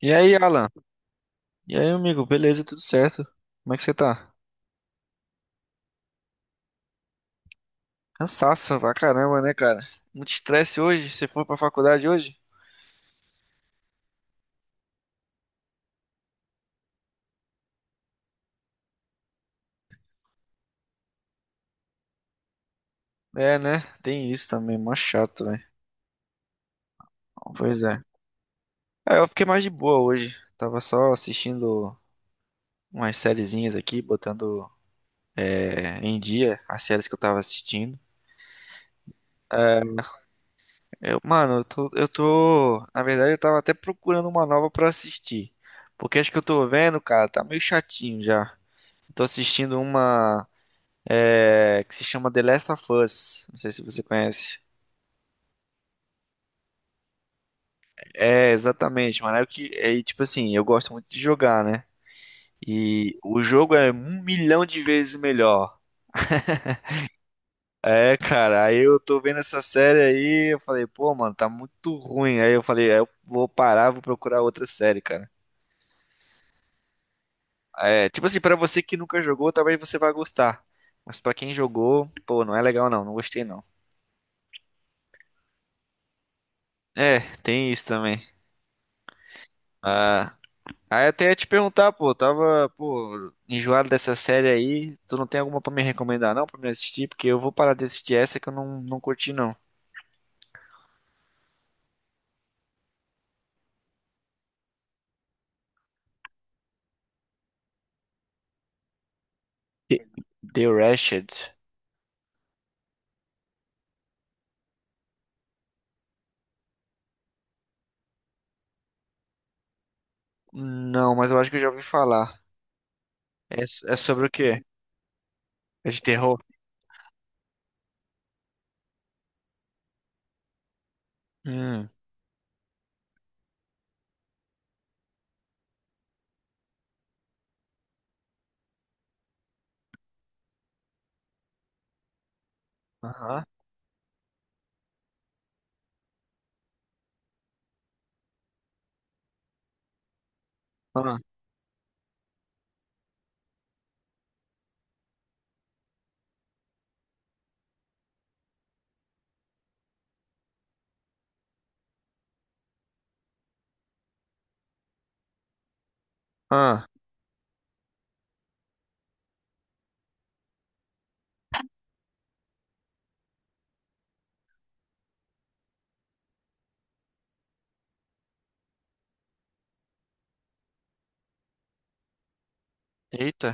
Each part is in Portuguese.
E aí, Alan? E aí, amigo? Beleza, tudo certo? Como é que você tá? Cansaço pra caramba, né, cara? Muito estresse hoje? Você foi pra faculdade hoje? É, né? Tem isso também, mó chato, velho. Pois é. Eu fiquei mais de boa hoje. Tava só assistindo umas sériezinhas aqui, botando em dia as séries que eu tava assistindo. Eu, mano, eu tô. Na verdade, eu tava até procurando uma nova pra assistir. Porque acho que eu tô vendo, cara, tá meio chatinho já. Tô assistindo uma. Que se chama The Last of Us. Não sei se você conhece. É, exatamente, mano. É o que, é, e, tipo assim, eu gosto muito de jogar, né? E o jogo é um milhão de vezes melhor. É, cara, aí eu tô vendo essa série aí, eu falei, pô, mano, tá muito ruim. Aí eu falei, eu vou parar, vou procurar outra série, cara. É, tipo assim, pra você que nunca jogou, talvez você vá gostar. Mas pra quem jogou, pô, não é legal não, não gostei não. É, tem isso também. Ah, Aí eu até ia te perguntar, pô, eu tava, pô, enjoado dessa série aí. Tu não tem alguma pra me recomendar, não, pra me assistir? Porque eu vou parar de assistir essa que eu não, não curti, não. The The Wretched? Não, mas eu acho que eu já ouvi falar. É sobre o quê? É de terror? Hum, aham, ah. Aham. Eita.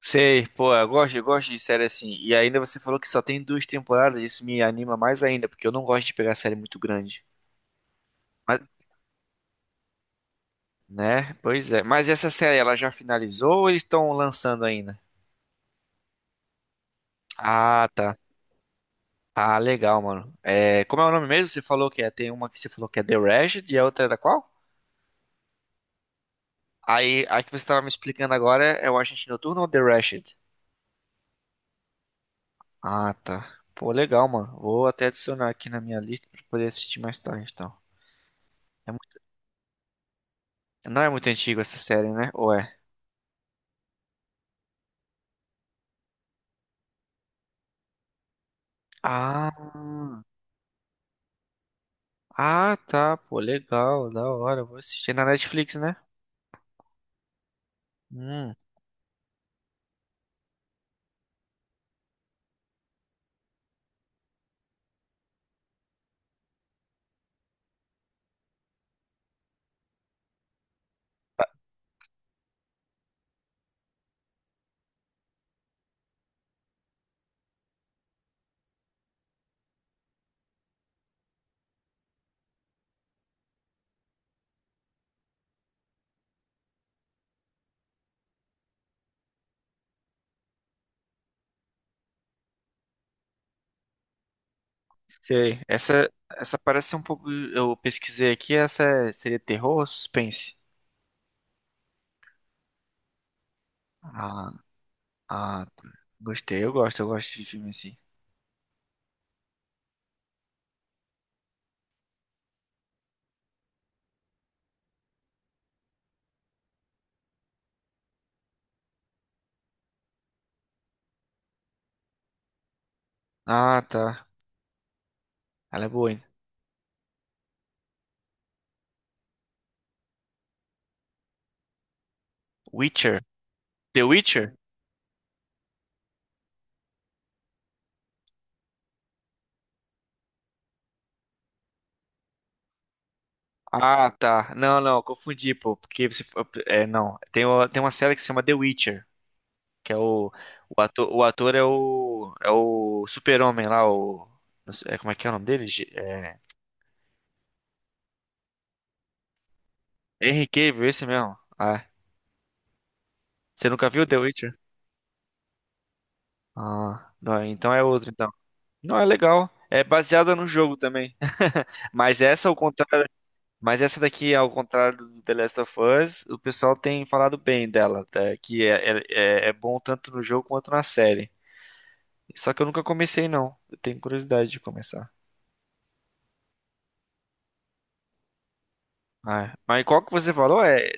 Sei, pô, eu gosto de série assim. E ainda você falou que só tem 2 temporadas, isso me anima mais ainda, porque eu não gosto de pegar série muito grande. Né? Pois é. Mas essa série, ela já finalizou ou eles estão lançando ainda? Ah, tá. Ah, legal, mano. É, como é o nome mesmo? Você falou que é, tem uma que você falou que é The Rashed e a outra era qual? Aí, a que você tava me explicando agora é o Agente Noturno ou The Rashed? Ah, tá. Pô, legal, mano. Vou até adicionar aqui na minha lista pra poder assistir mais tarde, então. É muito- Não é muito antigo essa série, né? Ou é? Ah, ah, tá. Pô, legal, da hora. Vou assistir na Netflix, né? Hum. Sei. Essa parece um pouco. Eu pesquisei aqui, seria terror ou suspense? Ah, ah, gostei, eu gosto de filme assim. Ah, tá. Ela é boa, hein? Witcher? The Witcher? Ah, tá. Não, não, confundi, pô. Porque você. É, não. Tem uma série que se chama The Witcher, que é o. O ator é o. É o Super-Homem lá, o. não sei- é, Como é que é o nome dele? Henry Cavill, esse mesmo. Ah, você nunca viu The Witcher? Ah, não, então é outro, então. Não, é legal. É baseada no jogo também. Mas essa ao contrário, mas essa daqui ao contrário do The Last of Us, o pessoal tem falado bem dela, tá? É é bom tanto no jogo quanto na série. Só que eu nunca comecei não. Eu tenho curiosidade de começar. Ah, é. Mas qual que você falou? É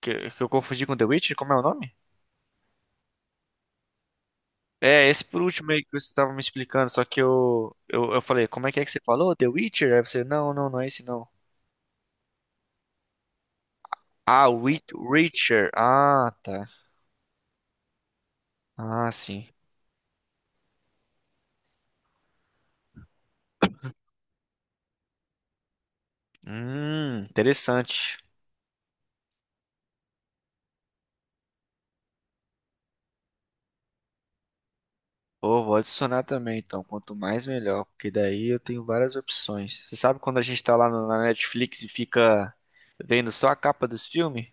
que, Que eu confundi com The Witcher? Como é o nome? É, esse por último aí que você estava me explicando, só que eu falei, como é que você falou? The Witcher? Aí você, não é esse não. Witcher. Ah, tá. Ah, sim. Interessante. Pô, vou adicionar também, então. Quanto mais, melhor. Porque daí eu tenho várias opções. Você sabe quando a gente tá lá na Netflix e fica vendo só a capa dos filmes?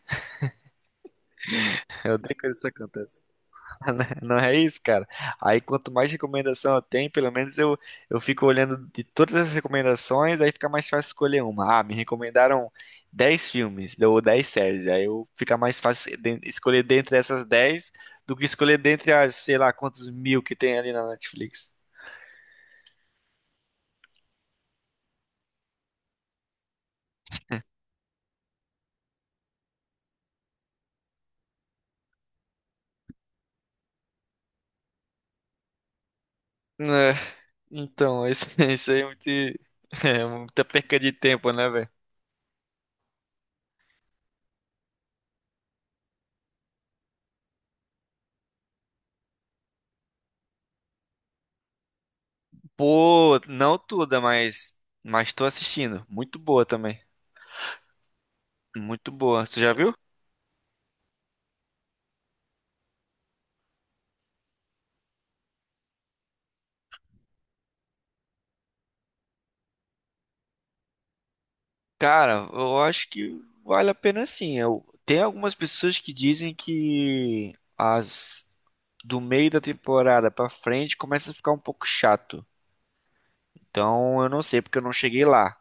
Eu odeio quando isso acontece. Não é isso, cara. Aí quanto mais recomendação eu tenho, pelo menos eu fico olhando de todas as recomendações, aí fica mais fácil escolher uma. Ah, me recomendaram 10 filmes ou 10 séries. Aí eu fica mais fácil escolher dentre essas 10 do que escolher dentre as, sei lá, quantos mil que tem ali na Netflix. É, esse, esse aí é muito, é muita perca de tempo, né, velho? Pô, não toda, mas tô assistindo. Muito boa também. Muito boa. Tu já viu? Cara, eu acho que vale a pena sim. Eu, tem algumas pessoas que dizem que as do meio da temporada pra frente começa a ficar um pouco chato. Então eu não sei porque eu não cheguei lá.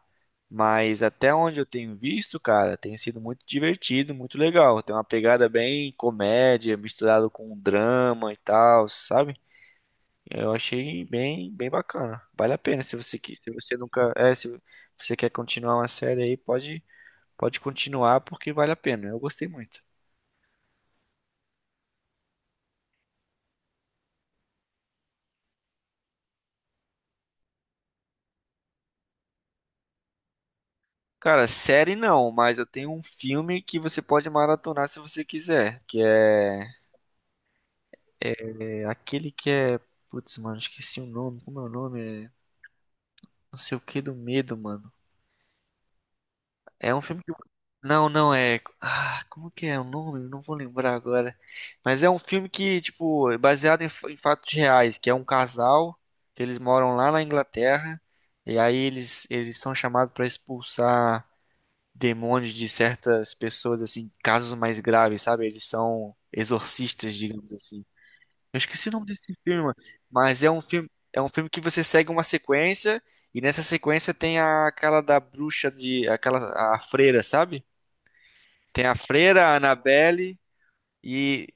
Mas até onde eu tenho visto, cara, tem sido muito divertido, muito legal. Tem uma pegada bem comédia, misturado com drama e tal, sabe? Eu achei bem bacana. Vale a pena se você nunca, se você quer continuar uma série aí, pode continuar porque vale a pena. Eu gostei muito. Cara, série não, mas eu tenho um filme que você pode maratonar se você quiser. É aquele que é. Putz, mano, esqueci o nome. Como é o nome? É... Não sei o que do medo, mano. É um filme que. Não, não é. Ah, como que é o nome? Eu não vou lembrar agora. Mas é um filme que, tipo, é baseado em, em fatos reais, que é um casal que eles moram lá na Inglaterra e aí eles são chamados pra expulsar demônios de certas pessoas, assim, casos mais graves, sabe? Eles são exorcistas, digamos assim. Eu esqueci o nome desse filme, mano, mas é um filme que você segue uma sequência e nessa sequência tem a, aquela da bruxa de, aquela a freira, sabe? Tem a freira, a Annabelle e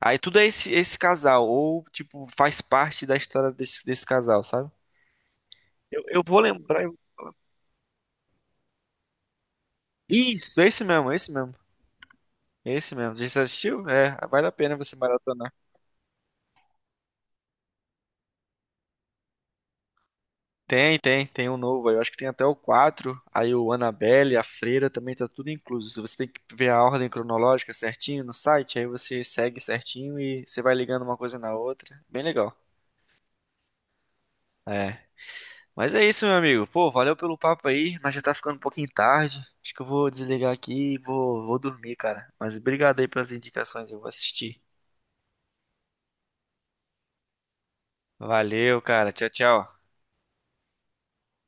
aí tudo é esse casal ou tipo faz parte da história desse casal, sabe? Eu vou lembrar. Eu- Isso, É esse mesmo. Já assistiu? É, vale a pena você maratonar. Tem um novo aí. Eu acho que tem até o 4. Aí o Annabelle, a Freira também tá tudo incluso. Você tem que ver a ordem cronológica certinho no site, aí você segue certinho e você vai ligando uma coisa na outra. Bem legal. É. Mas é isso, meu amigo. Pô, valeu pelo papo aí, mas já tá ficando um pouquinho tarde. Acho que eu vou desligar aqui e vou dormir, cara. Mas obrigado aí pelas indicações, eu vou assistir. Valeu, cara. Tchau, tchau.